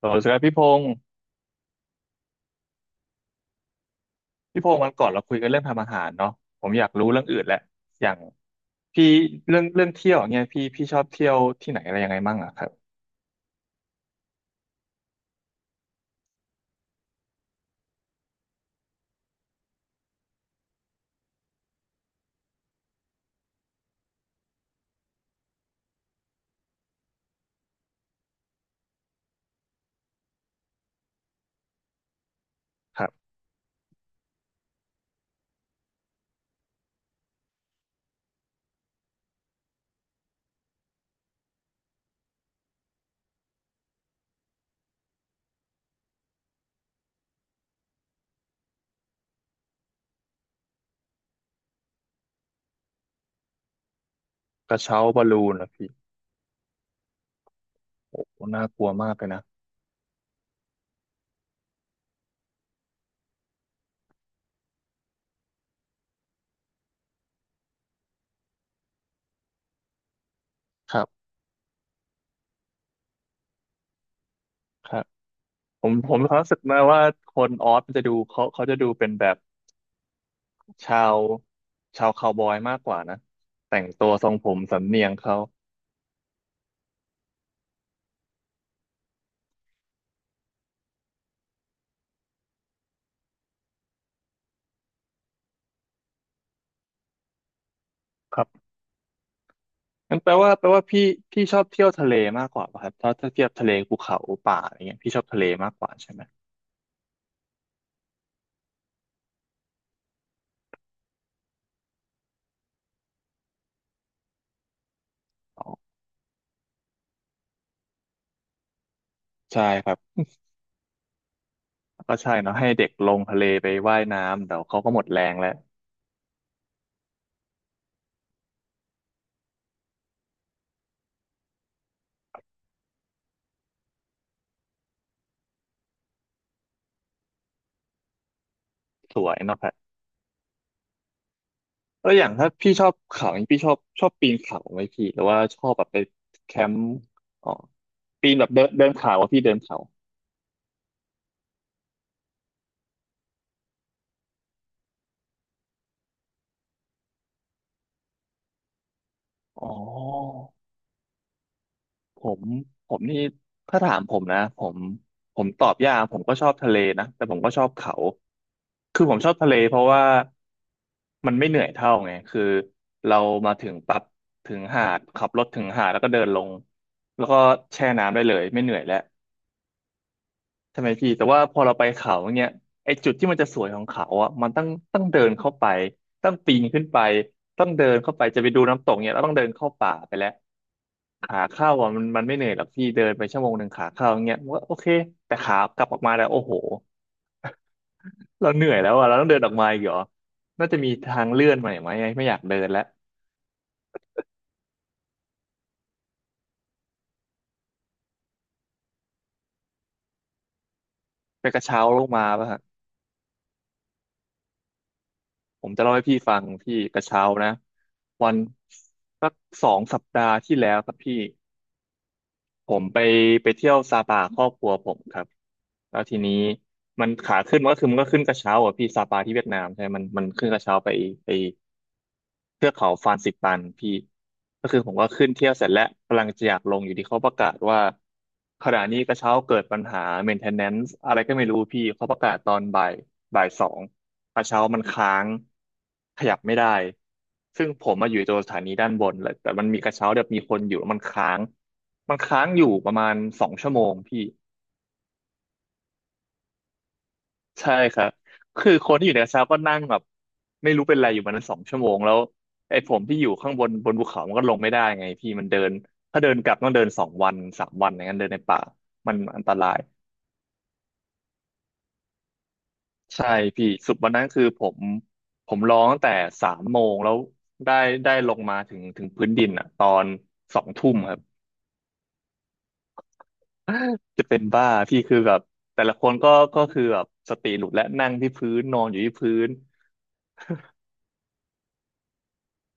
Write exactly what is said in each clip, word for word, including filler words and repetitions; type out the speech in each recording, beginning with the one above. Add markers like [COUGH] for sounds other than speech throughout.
สวัสดีครับพี่พงศ์พี่พงศ์วันก่อนเราคุยกันเรื่องทำอาหารเนาะผมอยากรู้เรื่องอื่นแหละอย่างพี่เรื่องเรื่องเที่ยวอย่างเงี้ยพี่พี่ชอบเที่ยวที่ไหนอะไรยังไงมั่งอะครับครับกระเช้าบอลลูนเหพี่โอ้โหน่ากลัวมากเลยนะครับครับผมผมมีความรู้สึกนะว่าคนออสมันจะดูเขาเขาจะดูเป็นแบบชาวชาวคาวบอยมากกว่านะแต่งตัวทรงผมสำเนียงเขาครับงั้นแปลว่าแปลว่าพี่พี่ชอบเที่ยวทะเลมากกว่าป่ะครับถ้าถ้าเทียบทะเลภูเขาป่าอะไรเงี้ยพี่ชอบทะเลมากกว่าใช่ไหม ใช่ครับก็ใช่เนาะให้เด็กลงทะเลไปว่ายน้ำเดี๋ยวเขาก็หมดแรงแล้วสวยเนาะครับแล้วอย่างถ้าพี่ชอบเขาอย่างนี้พี่ชอบชอบปีนเขาไหมพี่หรือว่าชอบแบบไปแคมป์อ๋อปีนแบบเดินเดินเขาอะพี่เดินเขาอ๋อ ผมผมนี่ถ้าถามผมนะผมผมตอบยากผมก็ชอบทะเลนะแต่ผมก็ชอบเขาคือผมชอบทะเลเพราะว่ามันไม่เหนื่อยเท่าไงคือเรามาถึงปั๊บถึงหาดขับรถถึงหาดแล้วก็เดินลงแล้วก็แช่น้ำได้เลยไม่เหนื่อยแล้วใช่ไหมพี่แต่ว่าพอเราไปเขาเนี้ยไอ้จุดที่มันจะสวยของเขาอ่ะมันต้องต้องเดินเข้าไปต้องปีนขึ้นไปต้องเดินเข้าไปจะไปดูน้ำตกเนี้ยเราต้องเดินเข้าป่าไปแล้ว ขาเข้าอ่ะมันมันไม่เหนื่อยหรอกพี่เดินไปชั่วโมงหนึ่งขาเข้าอย่างเงี้ยผมว่าโอเคแต่ขากลับออกมาแล้วโอ้โหเราเหนื่อยแล้วอ่ะเราต้องเดินออกมาอีกเหรอน่าจะมีทางเลื่อนใหม่ไหมไม่อยากเดินแล้วไปกระเช้าลงมาป่ะฮะผมจะเล่าให้พี่ฟังพี่กระเช้านะวันสักสองสัปดาห์ที่แล้วครับพี่ ผมไปไปเที่ยวซาปาครอบครัวผมครับแล้วทีนี้มันขาขึ้นมันก็คือมันก็ขึ้นกระเช้าอ่ะพี่ซาปาที่เวียดนามใช่ไหมมันมันขึ้นกระเช้าไปไปเทือกเขาฟานซิปันพี่ก็คือผมก็ขึ้นเที่ยวเสร็จแล้วกำลังจะอยากลงอยู่ที่เขาประกาศว่าขณะนี้กระเช้าเกิดปัญหา maintenance อะไรก็ไม่รู้พี่เขาประกาศตอนบ่ายบ่ายสองกระเช้ามันค้าง ขยับไม่ได้ซึ่งผมมาอยู่ตัวสถานีด้านบนเลยแต่มันมีกระเช้าแบบมีคนอยู่แล้วมันค้างมันค้างอยู่ประมาณสองชั่วโมงพี่ใช่ครับคือคนที่อยู่ในกระเช้าก็นั่งแบบไม่รู้เป็นไรอยู่มานั้นสองชั่วโมงแล้วไอ้ผมที่อยู่ข้างบนบนภูเขามันก็ลงไม่ได้ไงพี่มันเดินถ้าเดินกลับต้องเดินสองวันสามวันอย่างนั้นเดินในป่ามันอันตรายใช่พี่สุดวันนั้นคือผมผมร้องตั้งแต่สามโมงแล้วได้ได้ลงมาถึงถึงพื้นดินอ่ะตอนสองทุ่มครับ จะเป็นบ้าพี่คือแบบแต่ละคนก็ก็คือแบบสติหลุดและนั่งที่พื้นนอนอยู่ที่พื้น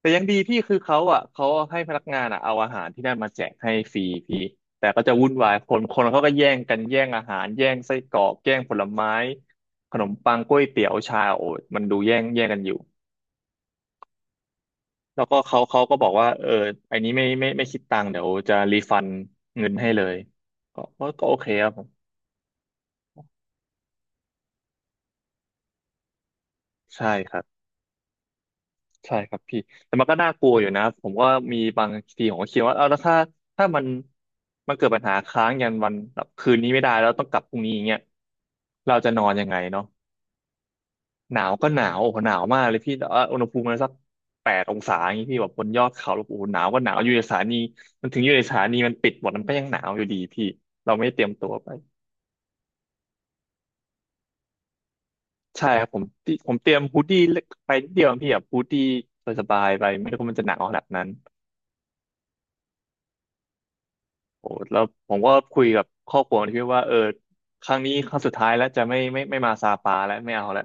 แต่ยังดีพี่คือเขาอ่ะเขาให้พนักงานอ่ะเอาอาหารที่นั่นมาแจกให้ฟรีพี่แต่ก็จะวุ่นวายคนคนเขาก็แย่งกันแย่งอาหารแย่งไส้กรอกแย่งผลไม้ขนมปังกล้วยเตี๋ยวชาโอ้ยมันดูแย่งแย่งกันอยู่แล้วก็เขาเขาก็บอกว่าเอออันนี้ไม่ไม่ไม่คิดตังค์เดี๋ยวจะรีฟันเงินให้เลยก็ก็ก็โอเคครับผมใช่ครับ ใช่ครับพี่แต่มันก็น่ากลัวอยู่นะผมก็มีบางทีผมก็คิดว่าเอาแล้วถ้าถ้ามันมันเกิดปัญหาค้างยันวันแบบคืนนี้ไม่ได้แล้วต้องกลับพรุ่งนี้อย่างเงี้ยเราจะนอนยังไงเนาะหนาวก็หนาวโอ้โหหนาวมากเลยพี่แต่ว่าอุณหภูมิมันสักแปดองศาอย่างงี้พี่แบบบนยอดเขาแล้วโอ้โหหนาวก็หนาวอยู่ในสถานีมันถึงอยู่ในสถานีมันปิดหมดมันก็ยังหนาวอยู่ดีพี่เราไม่ได้เตรียมตัวไปใช่ครับผมผมเตรียมฮูดดี้เล็กไปนิดเดียวพี่แบบฮูดดี้สบายๆไปไม่รู้ว่ามันจะหนาวขนาดนั้น โอ้แล้วผมก็คุยกับครอบครัวที่ว่าเออครั้งนี้ครั้งสุดท้ายแล้วจะไม่ไม่ไม่มาซาปาแล้วไม่เอาแล้ว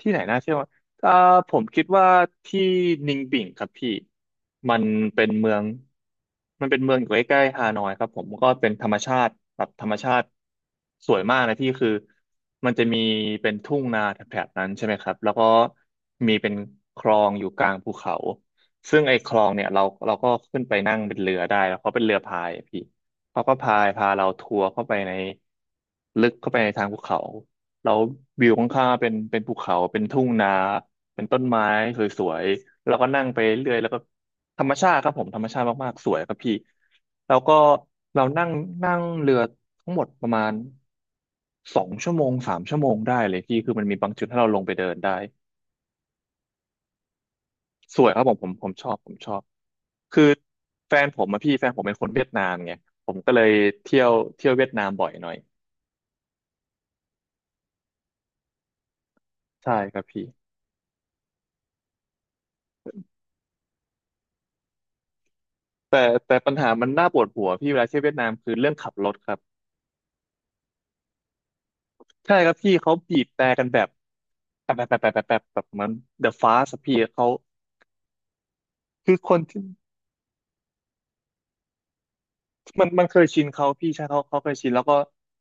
ที่ไหนน่าเที่ยวเอ่อผมคิดว่าที่นิงบิ่งครับพี่มันเป็นเมืองมันเป็นเมืองอยู่ใกล้ๆฮานอยครับผมก็เป็นธรรมชาติแบบธรรมชาติสวยมากนะพี่คือมันจะมีเป็นทุ่งนาแถบๆนั้นใช่ไหมครับแล้วก็มีเป็นคลองอยู่กลางภูเขาซึ่งไอ้คลองเนี่ยเราเราก็ขึ้นไปนั่งเป็นเรือได้แล้วเขาเป็นเรือพายอะพี่เขาก็พายพาเราทัวร์เข้าไปในลึกเข้าไปในทางภูเขา แล้ววิวข้างๆเป็นเป็นภูเขาเป็นทุ่งนาเป็นต้นไม้สวยๆแล้วก็นั่งไปเรื่อยแล้วก็ธรรมชาติครับผมธรรมชาติมากๆสวยครับพี่แล้วก็เรานั่งนั่งเรือทั้งหมดประมาณสองชั่วโมงสามชั่วโมงได้เลยพี่คือมันมีบางจุดให้เราลงไปเดินได้สวยครับผมผมผมชอบผมชอบคือแฟนผมอะพี่แฟนผมเป็นคนเวียดนามไงผมก็เลยเที่ยวเที่ยวเวียดนามบ่อยหน่อยใช่ครับพี่แต่แต่ปัญหามันน่าปวดหัวพี่เวลาเที่ยวเวียดนามคือเรื่องขับรถครับ ใช่ครับพี่เขาบีบแต่กันแบบแบบแบบแบบแบบแบบแบบเหมือน The Fast อะพี่เขาคือคนที่มันมันเคยชินเขาพี่ใช่เขาเขาเคยชินแล้วก็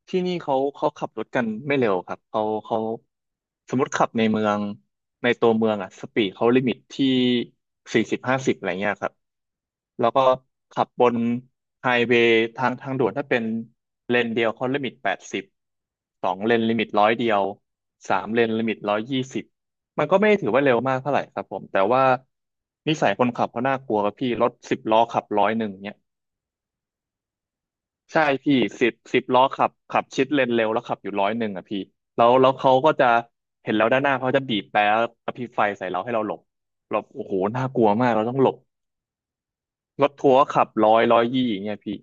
ที่นี่เขาเขาขับรถกันไม่เร็วครับเขาเขาสมมติขับในเมืองในตัวเมืองอะสปีดเขาลิมิตที่สี่สิบห้าสิบอะไรเงี้ยครับ แล้วก็ขับบนไฮเวย์ทางทางด่วนถ้าเป็นเลนเดียวเขาลิมิตแปดสิบสองเลนลิมิตร้อยเดียวสามเลนลิมิตร้อยยี่สิบมันก็ไม่ได้ถือว่าเร็วมากเท่าไหร่ครับผมแต่ว่านิสัยคนขับเขาน่ากลัวครับพี่รถสิบล้อขับร้อยหนึ่งเนี่ยใช่พี่สิบสิบล้อขับขับชิดเลนเร็วแล้วขับอยู่ร้อยหนึ่งอ่ะพี่แล้วแล้วเขาก็จะเห็นเราด้านหน้าเขาจะบีบแตรแล้วกระพริบไฟใส่เราให้เราหลบหลบโอ้โหน่ากลัวมากเราต้องหลบรถทัวร์ก็ขับร้อยร้อยยี่อย่างเงี้ยพี่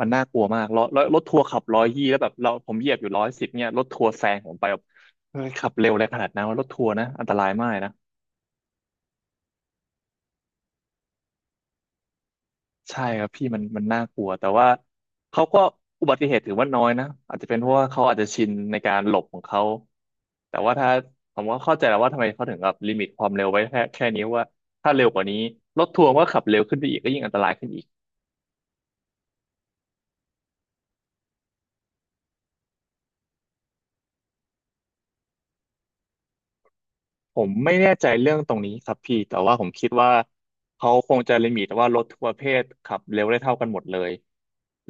มันน่ากลัวมากรถรถรถทัวร์ขับร้อยยี่แล้วแบบเราผมเหยียบอยู่ร้อยสิบเนี่ยรถทัวร์แซงผมไปแบบเฮ้ยขับเร็วอะไรขนาดนั้นวะรถทัวร์นะอันตรายมากนะใช่ครับพี่มันมันน่ากลัวแต่ว่าเขาก็อุบัติเหตุถือว่าน้อยนะอาจจะเป็นเพราะว่าเขาอาจจะชินในการหลบของเขาแต่ว่าถ้าผมก็เข้าใจแล้วว่าทำไมเขาถึงแบบลิมิตความเร็วไว้แค่แค่นี้ว่าถ้าเร็วกว่านี้รถทัวร์ก็ขับเร็วขึ้นไปอีกก็ยิ่งอันตรายขึ้นอีก ผมไม่แน่ใจเรื่องตรงนี้ครับพี่แต่ว่าผมคิดว่าเขาคงจะลิมิตว่ารถทุกประเภทขับเร็วได้เท่ากันหมดเลย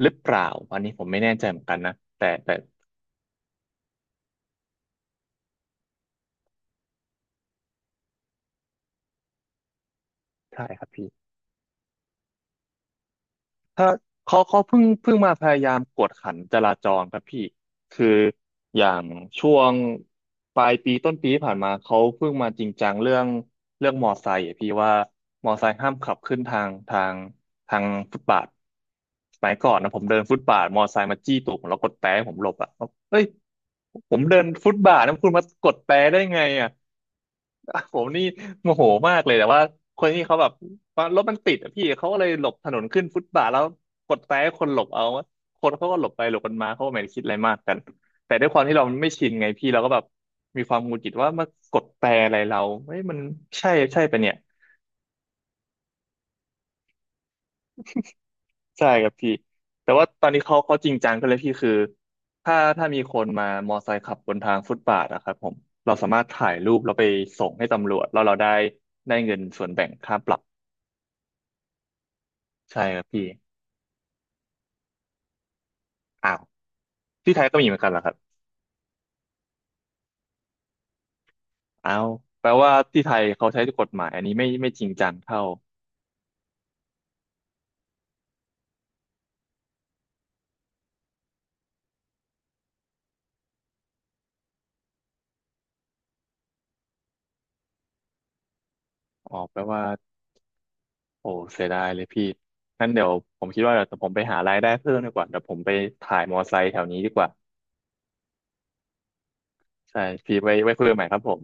หรือเปล่าอันนี้ผมไม่แน่ใจเหมือนกันนะแต่แต่ใช่ครับพี่ ถ้าเขาเขาเพิ่งเพิ่งมาพยายามกวดขันจราจรครับพี่คืออย่างช่วงปลายปีต้นปีที่ผ่านมาเขาเพิ่งมาจริงจังเรื่องเรื่องมอไซค์อะพี่ว่ามอไซค์ห้ามขับขึ้นทางทางทางฟุตบาทสมัยก่อนนะผมเดินฟุตบาทมอไซค์มาจี้ตูดผมแล้วกดแตรให้ผมหลบอ่ะเอ้ยผมเดินฟุตบาทนะคุณมากดแตรได้ไงอ่ะ [LAUGHS] ผมนี่โมโหมากเลยแต่ว่าคนที่เขาแบบว่ารถมันติดอะพี่เขาก็เลยหลบถนนขึ้นฟุตบาทแล้วกดแตรให้คนหลบเอาคนเขาก็หลบไปหลบกันมาเขาก็ไม่ได้คิดอะไรมากกันแต่ด้วยความที่เราไม่ชินไงพี่เราก็แบบมีความหงุดหงิดว่ามากดแตรอะไรเราเฮ้ยมันใช่ใช่ปะเนี่ยใช่ครับพี่แต่ว่าตอนนี้เขาเขาจริงจังกันเลยพี่คือถ้าถ้ามีคนมามอไซค์ขับบนทางฟุตบาทนะครับผมเราสามารถถ่ายรูปแล้วไปส่งให้ตำรวจแล้วเราได้ได้เงินส่วนแบ่งค่าปรับใช่ครับพี่ อ้าวที่ไทยก็มีเหมือนกันเหรอครับอ้าวแปลว่าที่ไทยเขาใช้กฎหมายอันนี้ไม่ไม่จริงจังเท่าอ๋อแปลว่าโอ้เสียดายเลยพี่งั้นเดี๋ยวผมคิดว่าเดี๋ยวผมไปหารายได้เพิ่มดีกว่าเดี๋ยวผมไปถ่ายมอไซค์แถวนี้ดีกว่าใช่พี่ไว้ไว้คุยกันใหม่ครับผม